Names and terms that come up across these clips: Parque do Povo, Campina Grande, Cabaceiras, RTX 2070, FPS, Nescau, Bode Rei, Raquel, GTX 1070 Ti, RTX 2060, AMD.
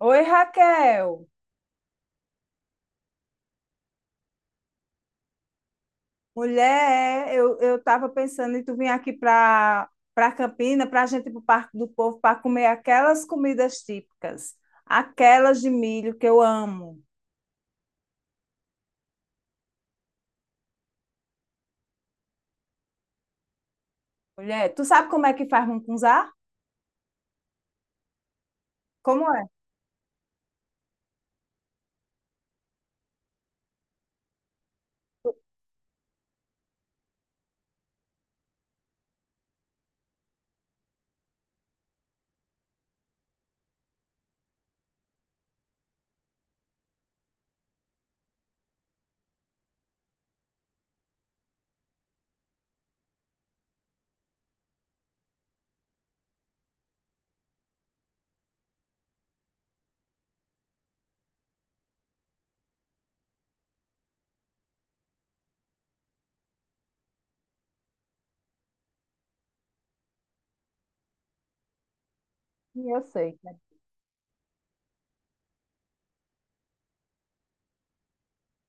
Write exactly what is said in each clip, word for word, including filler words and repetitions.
Oi, Raquel. Mulher, é, eu, eu estava pensando em tu vir aqui para para Campina, para a gente ir para o Parque do Povo, para comer aquelas comidas típicas, aquelas de milho que eu amo. Mulher, tu sabe como é que faz mungunzá? Como é? Sim, eu sei, né?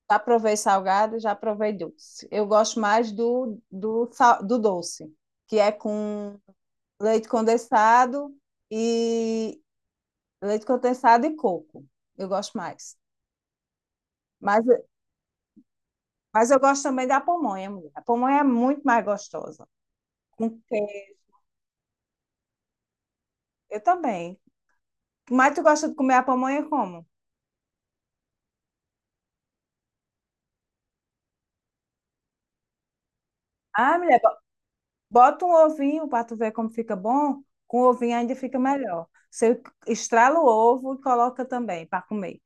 Já provei salgado, já provei doce. Eu gosto mais do, do, sal- do doce, que é com leite condensado e leite condensado e coco. Eu gosto mais. Mas Mas eu gosto também da pamonha, mulher. A pamonha é muito mais gostosa. Com queijo. Eu também. Mas tu gosta de comer a pamonha como? Ah, mulher, bo- bota um ovinho para tu ver como fica bom. Com o ovinho ainda fica melhor. Você estrala o ovo e coloca também para comer.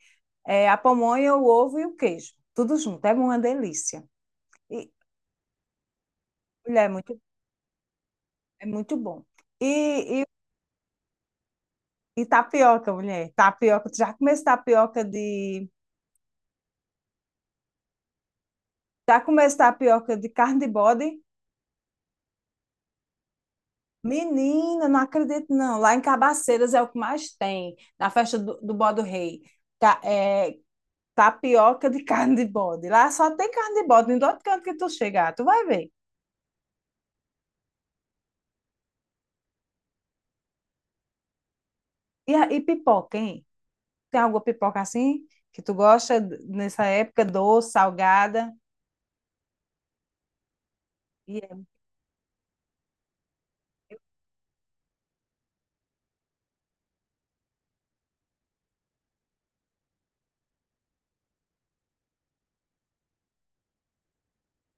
É, a pamonha, o ovo e o queijo. Tudo junto. É uma delícia. E, mulher, é muito, é muito bom. E, e, e tapioca, mulher. Tapioca. Tu já comeu tapioca de... Já comeu tapioca de carne de bode? Menina, não acredito não. Lá em Cabaceiras é o que mais tem, na festa do, do Bode Rei. Tá, é, Tapioca de carne de bode. Lá só tem carne de bode, em todo canto que tu chegar, tu vai ver. E, a- e pipoca, hein? Tem alguma pipoca assim que tu gosta d- nessa época, doce, salgada? E é-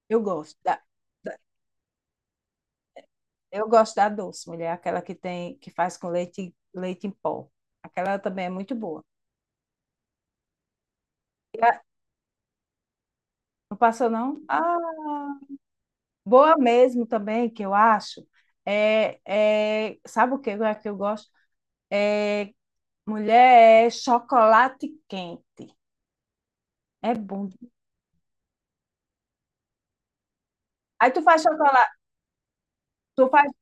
eu gosto da, da- eu gosto da doce, mulher, aquela que tem que faz com leite leite em pó. Aquela também é muito boa. E a- não passou não? Ah, boa mesmo também, que eu acho, é, é- sabe o que é que eu gosto? É, mulher, é chocolate quente. É bom. Aí tu faz chocolate, tu faz,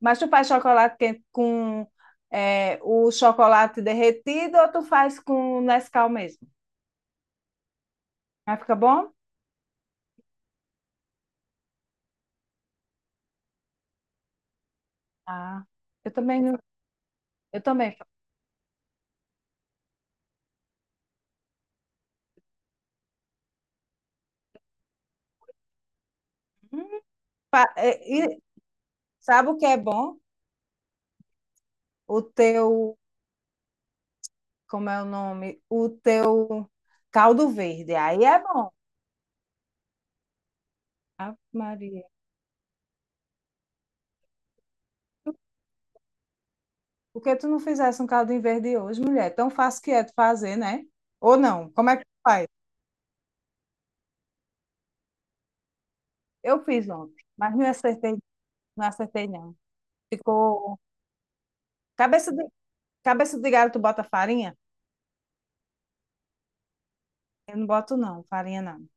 mas tu faz chocolate quente com é, o chocolate derretido ou tu faz com Nescau mesmo? Aí fica bom? Ah, eu também, não- eu também. fa- Hum, fa- é, e sabe o que é bom? O teu, como é o nome? O teu caldo verde. Aí é bom. Ave Maria. Por que tu não fizesse um caldinho verde hoje, mulher? Tão fácil que é de fazer, né? Ou não? Como é que tu faz? Eu fiz ontem, mas não acertei, não acertei não. Ficou cabeça de cabeça de galho, tu bota farinha? Eu não boto não, farinha não.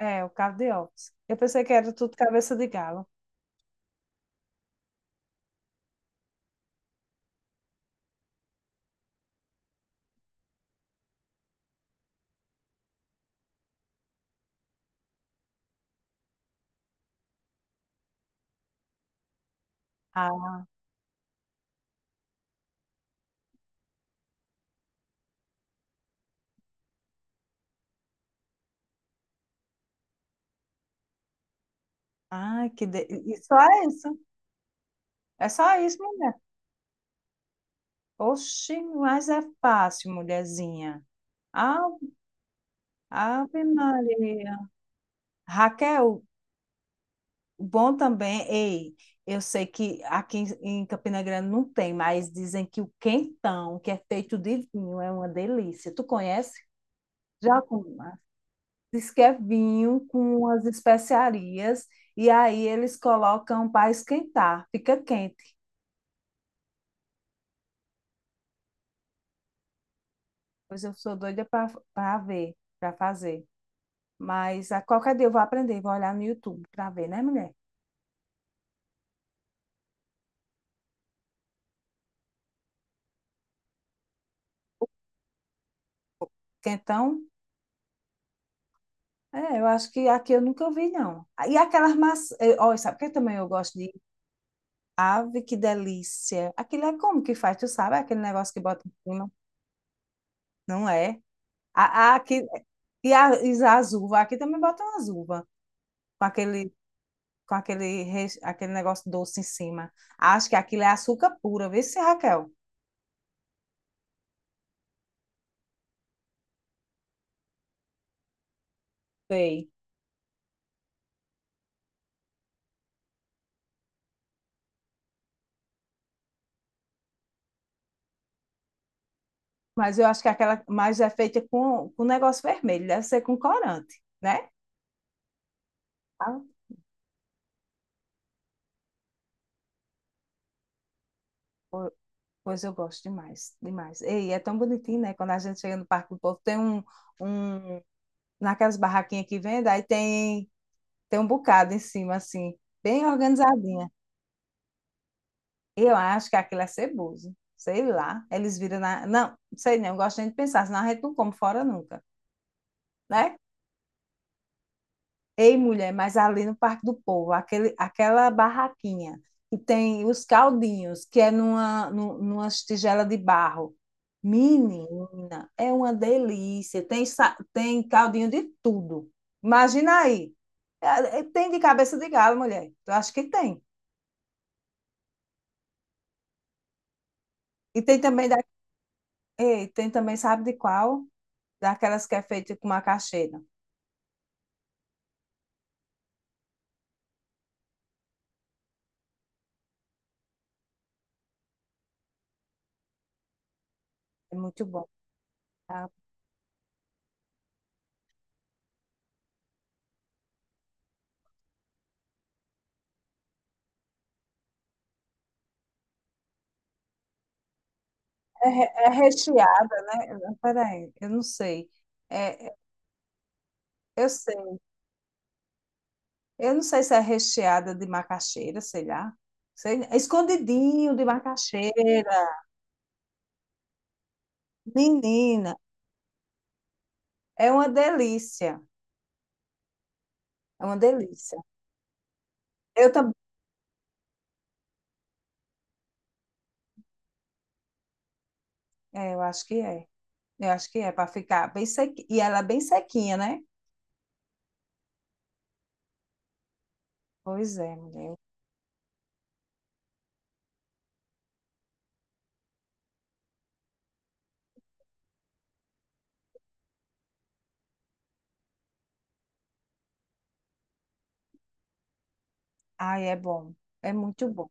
É, o caldo de ovos. Eu pensei que era tudo cabeça de galo. Ah, ai, que de... e e só é isso. É só isso, mulher. Oxi, mas é fácil, mulherzinha. Ave, Ave Maria. Raquel, bom também, ei, eu sei que aqui em em Campina Grande não tem, mas dizem que o quentão, que é feito de vinho, é uma delícia. Tu conhece? Já comi lá. Diz que é vinho com umas especiarias e aí eles colocam para esquentar, fica quente. Pois eu sou doida para ver, para fazer. Mas a qualquer dia eu vou aprender, vou olhar no YouTube para ver, né, mulher? Quentão, é, eu acho que aqui eu nunca vi, não. E aquelas maçãs, olha, sabe o que também eu gosto de... Ave, que delícia. Aquilo é como que faz, tu sabe? Aquele negócio que bota em cima. Não é? A, a, aqui, e a, e as uvas. Aqui também botam as uvas. Com aquele, com aquele, res- aquele negócio doce em cima. Acho que aquilo é açúcar puro. Vê se, Raquel. Sei. Mas eu acho que aquela mais é feita com, com negócio vermelho. Deve ser com corante, né? Ah, po- pois eu gosto demais, demais. Ei, é tão bonitinho, né? Quando a gente chega no Parque do Povo, tem um... um, naquelas barraquinhas que vende, aí tem, tem um bocado em cima, assim, bem organizadinha. Eu acho que aquilo é ceboso. Sei lá. Eles viram na. Não, sei não, eu gosto nem de pensar, senão a gente não come fora nunca, né? Ei, mulher, mas ali no Parque do Povo, aquele, aquela barraquinha que tem os caldinhos, que é numa, nu- numa tigela de barro. Menina, é uma delícia. Tem, sa- tem caldinho de tudo. Imagina aí. É, é, Tem de cabeça de galo, mulher. Eu acho que tem. E tem também da E tem também, sabe de qual? Daquelas que é feita com macaxeira. É muito bom. Tá? É, re- é recheada, né? Peraí, eu não sei. É, é, eu sei. Eu não sei se é recheada de macaxeira, sei lá. Sei, é escondidinho de macaxeira. Menina, é uma delícia. É uma delícia. Eu também. É, eu acho que é. Eu acho que é para ficar bem sequinha. E ela é bem sequinha, né? Pois é, mulher. Ai, é bom. É muito bom.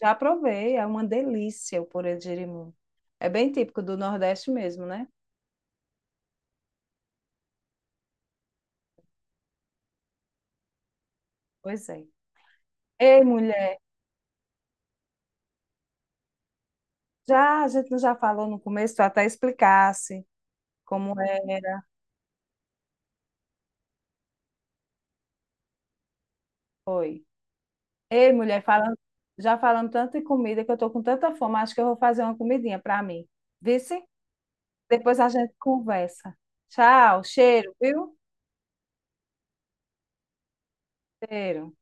Já provei, é uma delícia o purê de jerimum. É bem típico do Nordeste mesmo, né? Pois é. Ei, mulher, já a gente não já falou no começo, tu até explicasse como era. Foi. Ei, mulher, falando, já falando tanto de comida que eu tô com tanta fome, acho que eu vou fazer uma comidinha para mim. Vice? Depois a gente conversa. Tchau, cheiro, viu? Cheiro.